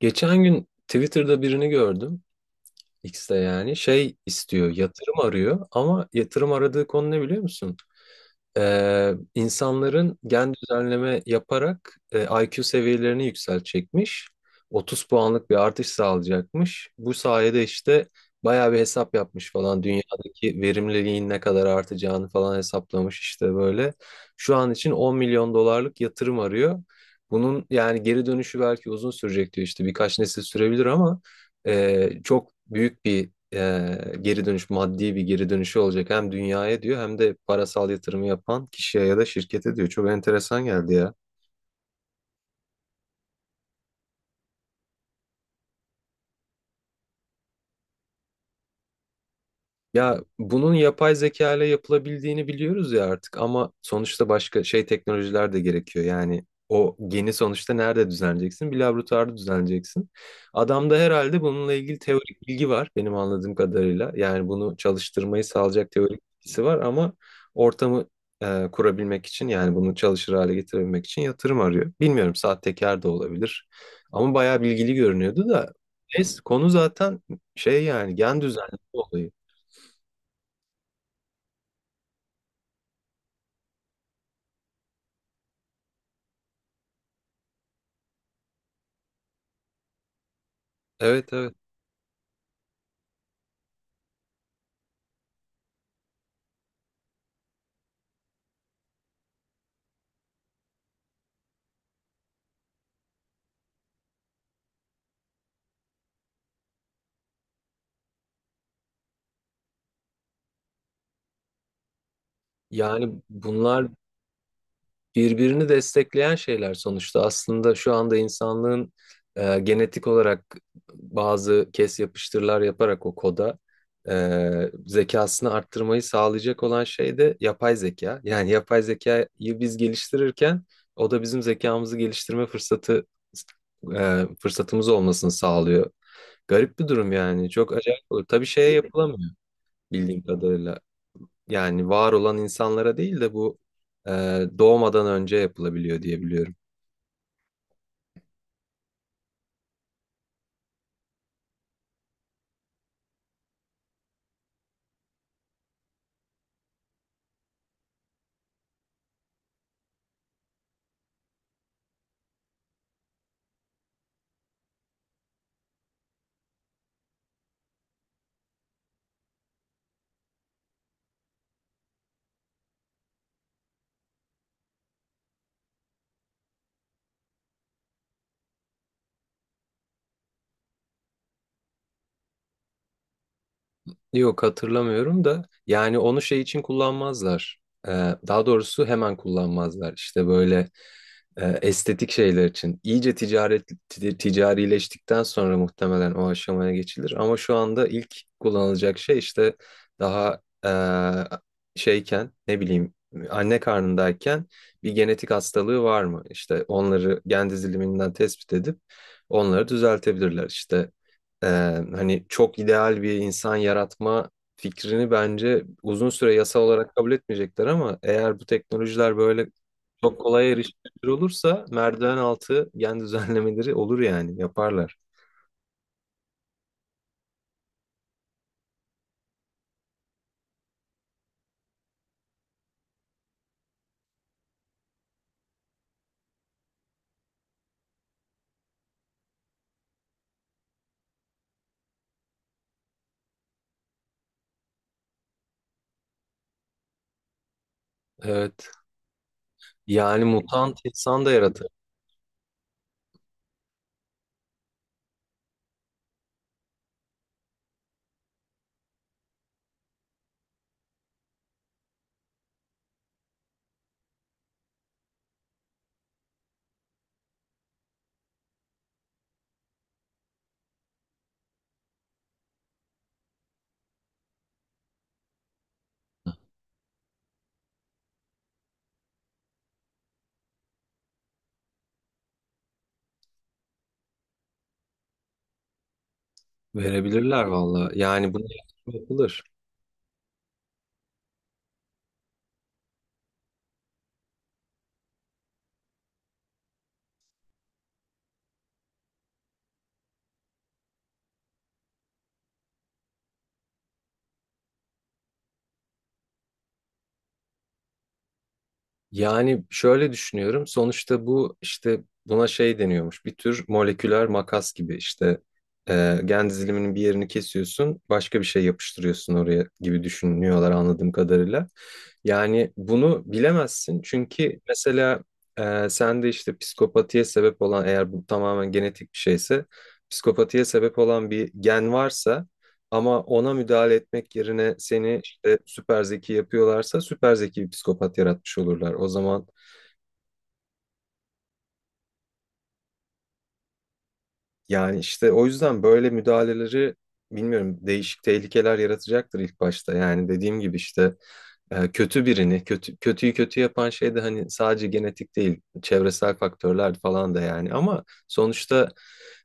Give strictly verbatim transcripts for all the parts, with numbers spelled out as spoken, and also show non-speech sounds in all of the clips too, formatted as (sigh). Geçen gün Twitter'da birini gördüm. X'te yani şey istiyor, yatırım arıyor ama yatırım aradığı konu ne biliyor musun? Ee, insanların gen düzenleme yaparak e, I Q seviyelerini yükseltecekmiş. otuz puanlık bir artış sağlayacakmış. Bu sayede işte bayağı bir hesap yapmış falan. Dünyadaki verimliliğin ne kadar artacağını falan hesaplamış işte böyle. Şu an için on milyon dolarlık yatırım arıyor. Bunun yani geri dönüşü belki uzun sürecek diyor işte birkaç nesil sürebilir ama e, çok büyük bir eee, geri dönüş maddi bir geri dönüşü olacak hem dünyaya diyor hem de parasal yatırımı yapan kişiye ya da şirkete diyor. Çok enteresan geldi ya. Ya bunun yapay zeka ile yapılabildiğini biliyoruz ya artık ama sonuçta başka şey teknolojiler de gerekiyor. Yani o geni sonuçta nerede düzenleyeceksin? Bir laboratuvarda düzenleyeceksin. Adamda herhalde bununla ilgili teorik bilgi var benim anladığım kadarıyla. Yani bunu çalıştırmayı sağlayacak teorik bilgisi var ama ortamı e, kurabilmek için yani bunu çalışır hale getirebilmek için yatırım arıyor. Bilmiyorum sahtekar da olabilir ama bayağı bilgili görünüyordu da. Neyse konu zaten şey yani gen düzenleme olayı. Evet, evet. Yani bunlar birbirini destekleyen şeyler sonuçta. Aslında şu anda insanlığın e, genetik olarak bazı kes yapıştırlar yaparak o koda e, zekasını arttırmayı sağlayacak olan şey de yapay zeka. Yani yapay zekayı biz geliştirirken o da bizim zekamızı geliştirme fırsatı e, fırsatımız olmasını sağlıyor. Garip bir durum yani. Çok acayip olur. Tabii şeye yapılamıyor bildiğim kadarıyla. Yani var olan insanlara değil de bu e, doğmadan önce yapılabiliyor diye biliyorum. Yok hatırlamıyorum da yani onu şey için kullanmazlar. Ee, daha doğrusu hemen kullanmazlar. İşte böyle e, estetik şeyler için. İyice ticaret ti- ticarileştikten sonra muhtemelen o aşamaya geçilir. Ama şu anda ilk kullanılacak şey işte daha e, şeyken ne bileyim anne karnındayken bir genetik hastalığı var mı? İşte onları gen diziliminden tespit edip onları düzeltebilirler. İşte ee, hani çok ideal bir insan yaratma fikrini bence uzun süre yasal olarak kabul etmeyecekler ama eğer bu teknolojiler böyle çok kolay erişilebilir olursa merdiven altı gen (laughs) düzenlemeleri olur yani yaparlar. Evet. Yani mutant insan da yaratır. Verebilirler valla. Yani bunu yapılır. Yani şöyle düşünüyorum. Sonuçta bu işte buna şey deniyormuş. Bir tür moleküler makas gibi işte e, gen diziliminin bir yerini kesiyorsun, başka bir şey yapıştırıyorsun oraya gibi düşünüyorlar anladığım kadarıyla. Yani bunu bilemezsin çünkü mesela e, sende işte psikopatiye sebep olan eğer bu tamamen genetik bir şeyse psikopatiye sebep olan bir gen varsa ama ona müdahale etmek yerine seni işte süper zeki yapıyorlarsa süper zeki bir psikopat yaratmış olurlar. O zaman yani işte o yüzden böyle müdahaleleri bilmiyorum değişik tehlikeler yaratacaktır ilk başta. Yani dediğim gibi işte e, kötü birini, kötü, kötüyü kötü yapan şey de hani sadece genetik değil, çevresel faktörler falan da yani. Ama sonuçta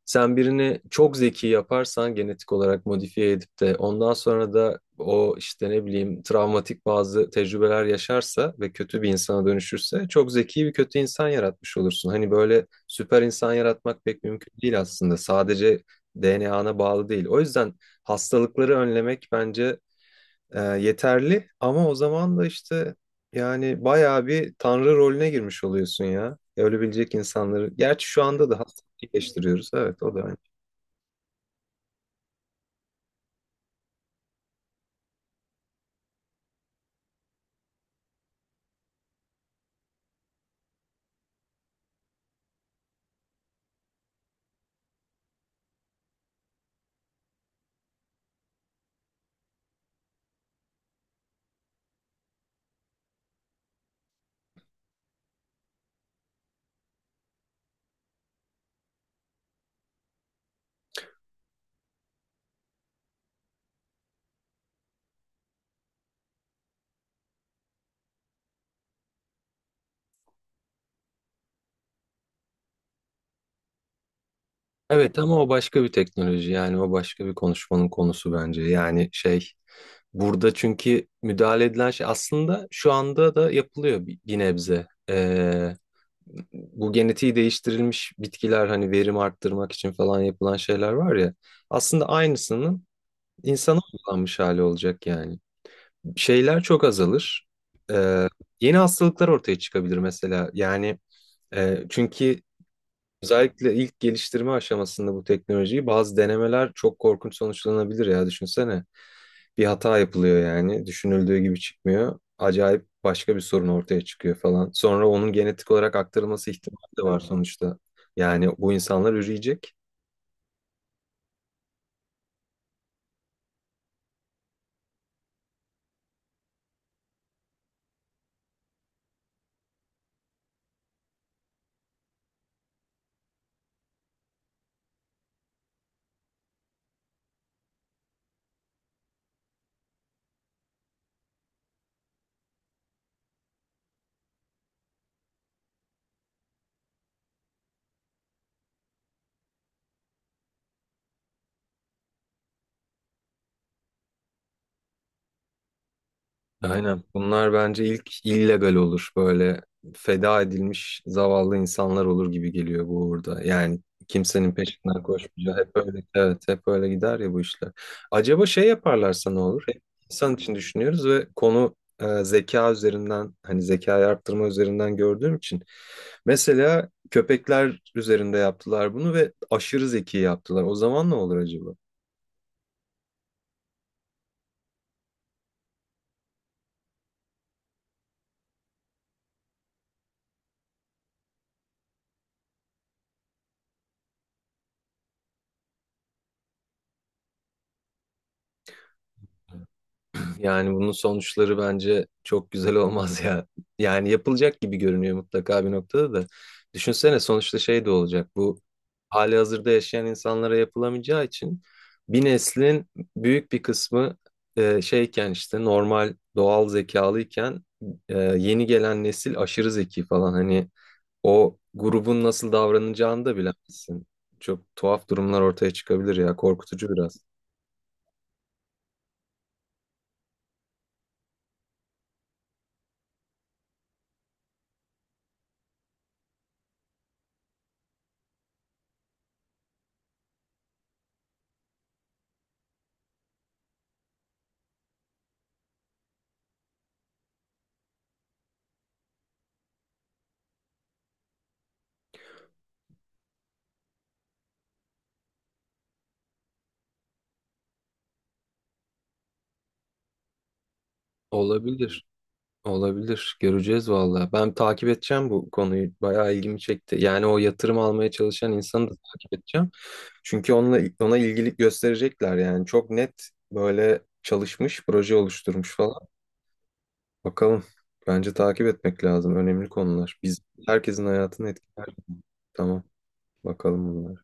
sen birini çok zeki yaparsan genetik olarak modifiye edip de ondan sonra da o işte ne bileyim travmatik bazı tecrübeler yaşarsa ve kötü bir insana dönüşürse çok zeki bir kötü insan yaratmış olursun. Hani böyle süper insan yaratmak pek mümkün değil aslında. Sadece D N A'na bağlı değil. O yüzden hastalıkları önlemek bence e, yeterli ama o zaman da işte yani bayağı bir tanrı rolüne girmiş oluyorsun ya. Ölebilecek insanları. Gerçi şu anda da hastalık iyileştiriyoruz. Evet, o da. Evet, ama o başka bir teknoloji yani o başka bir konuşmanın konusu bence. Yani şey burada çünkü müdahale edilen şey aslında şu anda da yapılıyor bir, bir nebze. Ee, bu genetiği değiştirilmiş bitkiler hani verim arttırmak için falan yapılan şeyler var ya aslında aynısının insana uygulanmış hali olacak yani. Şeyler çok azalır. Ee, yeni hastalıklar ortaya çıkabilir mesela yani e, çünkü özellikle ilk geliştirme aşamasında bu teknolojiyi bazı denemeler çok korkunç sonuçlanabilir ya düşünsene. Bir hata yapılıyor yani düşünüldüğü gibi çıkmıyor. Acayip başka bir sorun ortaya çıkıyor falan. Sonra onun genetik olarak aktarılması ihtimali de var sonuçta. Yani bu insanlar üreyecek. Aynen. Bunlar bence ilk illegal olur. Böyle feda edilmiş zavallı insanlar olur gibi geliyor bu uğurda. Yani kimsenin peşinden koşmayacağı. Hep öyle, evet, hep öyle gider ya bu işler. Acaba şey yaparlarsa ne olur? Hep insan için düşünüyoruz ve konu e, zeka üzerinden, hani zekayı arttırma üzerinden gördüğüm için. Mesela köpekler üzerinde yaptılar bunu ve aşırı zeki yaptılar. O zaman ne olur acaba? Yani bunun sonuçları bence çok güzel olmaz ya. Yani yapılacak gibi görünüyor mutlaka bir noktada da. Düşünsene sonuçta şey de olacak. Bu hali hazırda yaşayan insanlara yapılamayacağı için bir neslin büyük bir kısmı e, şeyken işte normal doğal zekalıyken e, yeni gelen nesil aşırı zeki falan. Hani o grubun nasıl davranacağını da bilemezsin. Çok tuhaf durumlar ortaya çıkabilir ya. Korkutucu biraz. Olabilir. Olabilir. Göreceğiz valla. Ben takip edeceğim bu konuyu. Bayağı ilgimi çekti. Yani o yatırım almaya çalışan insanı da takip edeceğim. Çünkü onunla, ona ilgilik gösterecekler yani. Çok net böyle çalışmış, proje oluşturmuş falan. Bakalım. Bence takip etmek lazım. Önemli konular. Biz herkesin hayatını etkiler. Tamam. Bakalım bunlara.